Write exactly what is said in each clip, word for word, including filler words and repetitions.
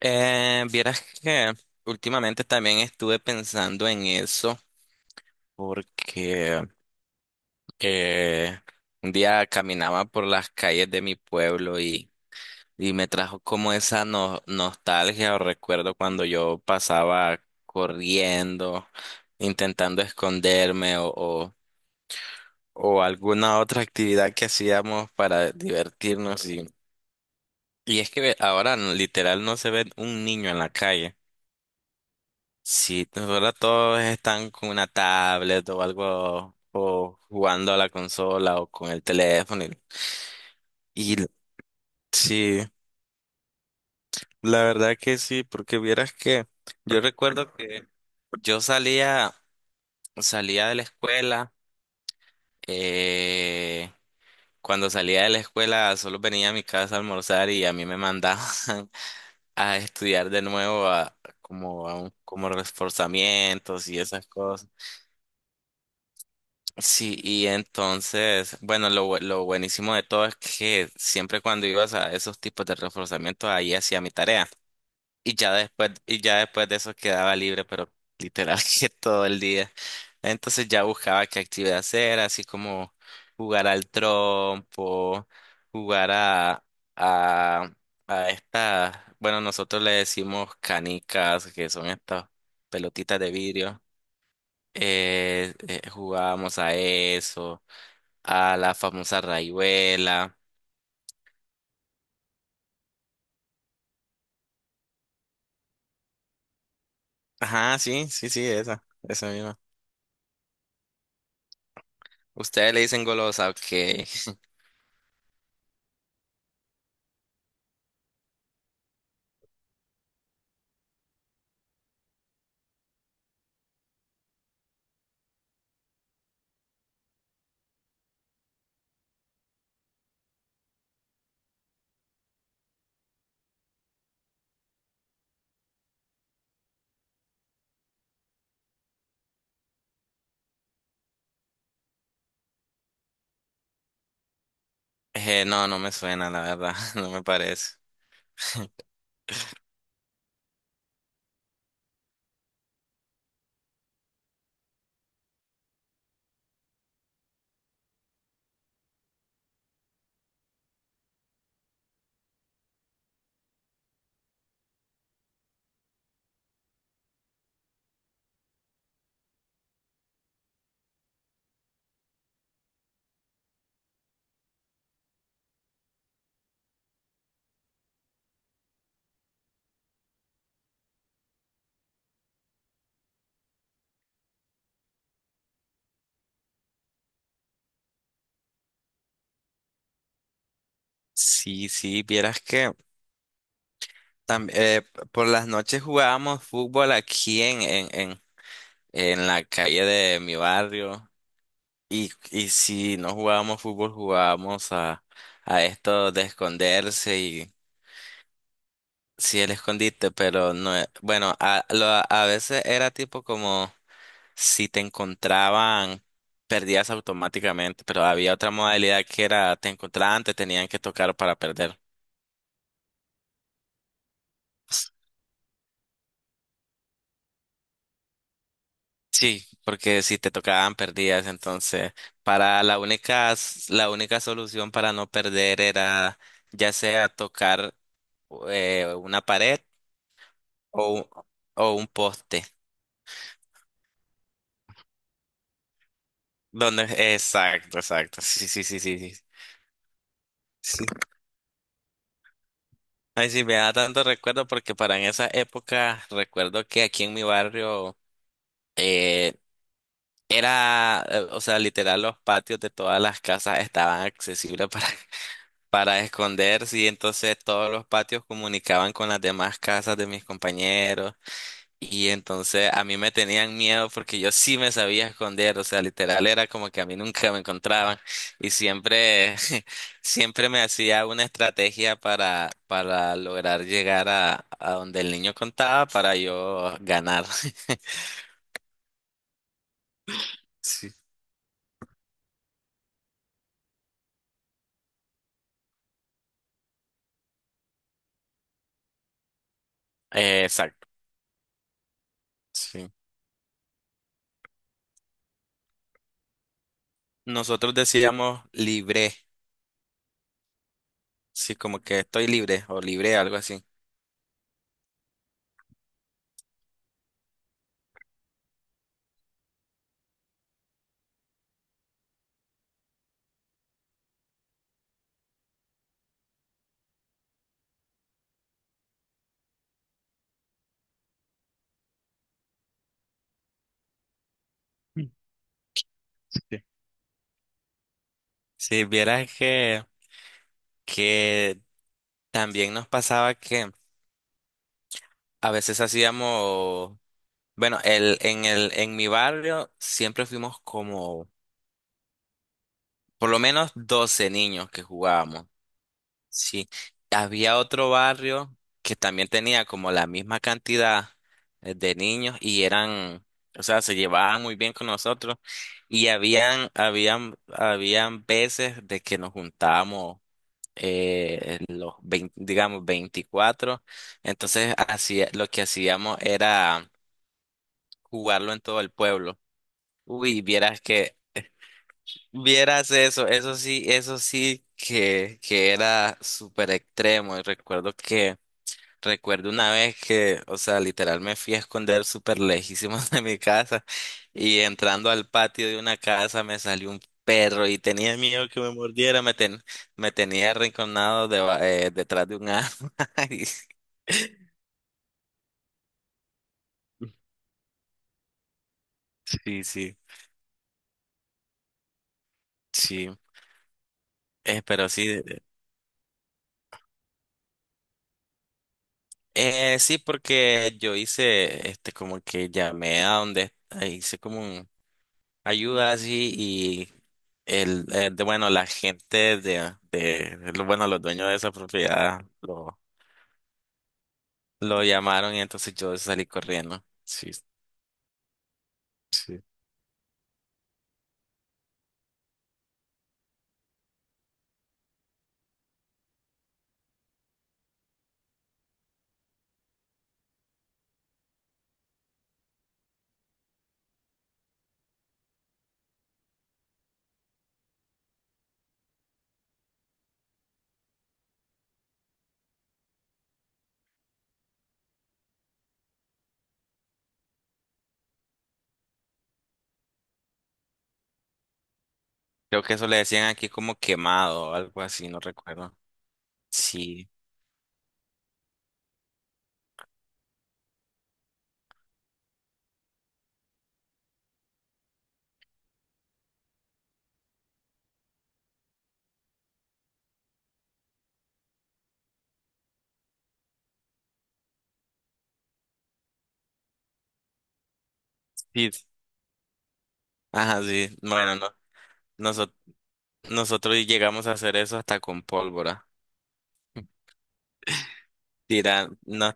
Eh, vieras que últimamente también estuve pensando en eso porque eh, un día caminaba por las calles de mi pueblo y, y me trajo como esa no- nostalgia o recuerdo cuando yo pasaba corriendo, intentando esconderme o, o, o alguna otra actividad que hacíamos para divertirnos, y, y es que ahora literal no se ve un niño en la calle. Sí, ahora todos están con una tablet o algo, o jugando a la consola o con el teléfono. Y, y sí, la verdad que sí, porque vieras que yo recuerdo que yo salía, salía de la escuela, eh, cuando salía de la escuela solo venía a mi casa a almorzar y a mí me mandaban a estudiar de nuevo a, como a un, como reforzamientos y esas cosas. Sí, y entonces, bueno, lo, bu- lo buenísimo de todo es que siempre cuando ibas a esos tipos de reforzamiento, ahí hacía mi tarea. Y ya después, y ya después de eso quedaba libre, pero literal que todo el día. Entonces ya buscaba qué actividad hacer, así como jugar al trompo, jugar a, a, a esta, bueno, nosotros le decimos canicas, que son estas pelotitas de vidrio. Eh, eh, jugábamos a eso. A la famosa raihuela. Ajá, sí, sí, sí, esa, esa misma. Ustedes le dicen golosa, ok. Eh, no, no me suena, la verdad, no me parece. Sí, sí, vieras que tam- eh, por las noches jugábamos fútbol aquí en, en, en, en la calle de mi barrio. Y, y si no jugábamos fútbol, jugábamos a, a esto de esconderse y sí, el escondite, pero no, e- bueno, a, lo- a veces era tipo como. Si te encontraban, perdías automáticamente, pero había otra modalidad que era te encontraban, te tenían que tocar para perder. Sí, porque si te tocaban, perdías. Entonces, para la única, s- la única solución para no perder era ya sea tocar eh, una pared o, un- o un poste. Donde, exacto, exacto. Sí, sí, sí, sí, sí. Sí. Ay, sí, me da tanto recuerdo porque para en esa época recuerdo que aquí en mi barrio, eh, era, eh, o sea, literal, los patios de todas las casas estaban accesibles para, para esconderse, y entonces todos los patios comunicaban con las demás casas de mis compañeros y entonces a mí me tenían miedo porque yo sí me sabía esconder, o sea, literal era como que a mí nunca me encontraban y siempre, siempre me hacía una estrategia para, para lograr llegar a, a donde el niño contaba para yo ganar. Sí. Eh, exacto. Sí. Nosotros decíamos libre, sí, como que estoy libre o libre, algo así. Sí. Si vieras que, que también nos pasaba que a veces hacíamos, bueno, el, en el, en mi barrio siempre fuimos como por lo menos doce niños que jugábamos. Sí, había otro barrio que también tenía como la misma cantidad, eh, de niños y eran, o sea, se llevaban muy bien con nosotros y habían, habían, habían veces de que nos juntábamos, eh, los veinte, digamos veinticuatro, entonces hacía, lo que hacíamos era jugarlo en todo el pueblo. Uy, vieras que, vieras eso, eso sí, eso sí que, que, era súper extremo y recuerdo que recuerdo una vez que, o sea, literal me fui a esconder súper lejísimos de mi casa y entrando al patio de una casa me salió un perro y tenía miedo que me mordiera, me, ten- me tenía arrinconado, deba- eh, detrás de un árbol. Y sí, sí, sí. Eh, pero sí, de- eh, sí, porque yo hice, este, como que llamé a donde, eh, hice como un ayuda así y el, eh, de- bueno, la gente de, de, lo- bueno, los dueños de esa propiedad lo, lo llamaron y entonces yo salí corriendo. Sí, sí. Creo que eso le decían aquí como quemado o algo así, no recuerdo. Sí, sí. Ajá, sí. Bueno, no, nosotros, nosotros llegamos a hacer eso hasta con pólvora. Tira, nos,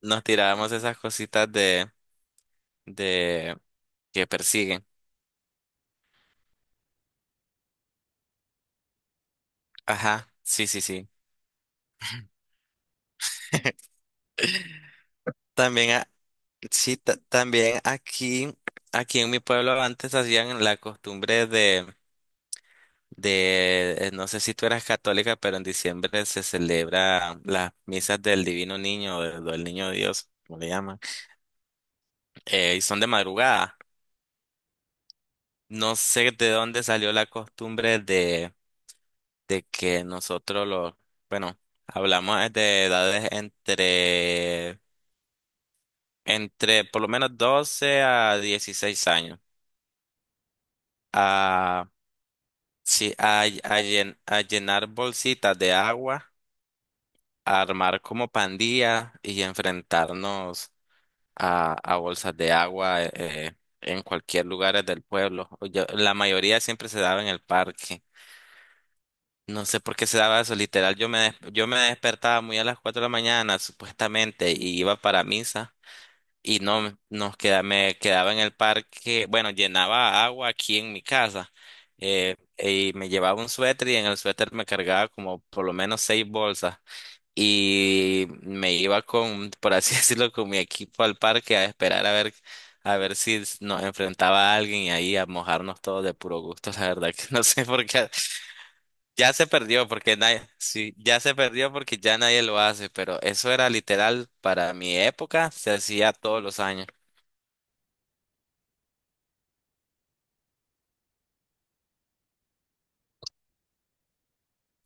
nos tirábamos esas cositas de, de que persiguen. Ajá, sí, sí, sí. También. Sí, ta- también aquí, aquí en mi pueblo antes hacían la costumbre de, de, eh, no sé si tú eras católica, pero en diciembre se celebra las misas del Divino Niño, o del del Niño Dios, como le llaman, eh, y son de madrugada. No sé de dónde salió la costumbre de, de que nosotros los, bueno, hablamos es de edades entre, entre por lo menos doce a dieciséis años. Ah, sí, a, a llen- a llenar bolsitas de agua, a armar como pandilla y enfrentarnos a, a bolsas de agua, eh, en cualquier lugar del pueblo. O yo- la mayoría siempre se daba en el parque. No sé por qué se daba eso, literal. Yo me, des- yo me despertaba muy a las cuatro de la mañana, supuestamente, y iba para misa. Y no nos queda, Me quedaba en el parque, bueno, llenaba agua aquí en mi casa, eh, y me llevaba un suéter y en el suéter me cargaba como por lo menos seis bolsas y me iba con, por así decirlo, con mi equipo al parque a esperar a ver a ver si nos enfrentaba a alguien y ahí a mojarnos todos de puro gusto, la verdad que no sé por qué ya se perdió porque nadie, sí, ya se perdió porque ya nadie lo hace, pero eso era literal para mi época, se hacía todos los años.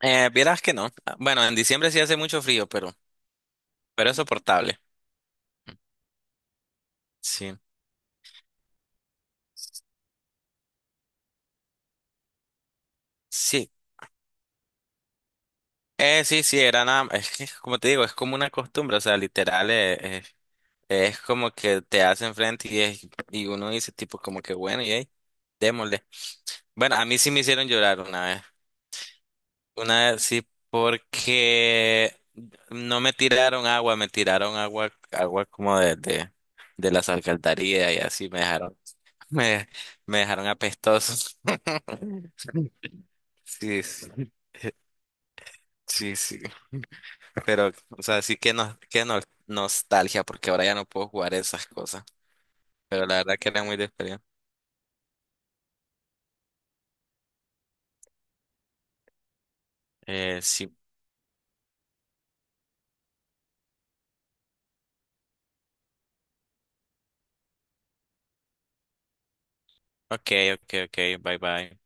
Eh, vieras que no. Ah, bueno, en diciembre sí hace mucho frío, pero, pero es soportable. Sí. Sí. Eh, sí, sí, era nada. Es que, como te digo, es como una costumbre. O sea, literal, eh, eh, es como que te hacen frente y, es- y uno dice, tipo, como que bueno, y ahí, démosle. Bueno, a mí sí me hicieron llorar una vez. Una vez sí, porque no me tiraron agua, me tiraron agua, agua como de, de, de las alcantarillas y así me dejaron, me, me dejaron apestoso. Sí, sí, sí, sí. Pero, o sea, sí que no, que no, nostalgia, porque ahora ya no puedo jugar esas cosas. Pero la verdad que era muy de experiencia. Eh, sí. Ok, ok, ok, bye bye.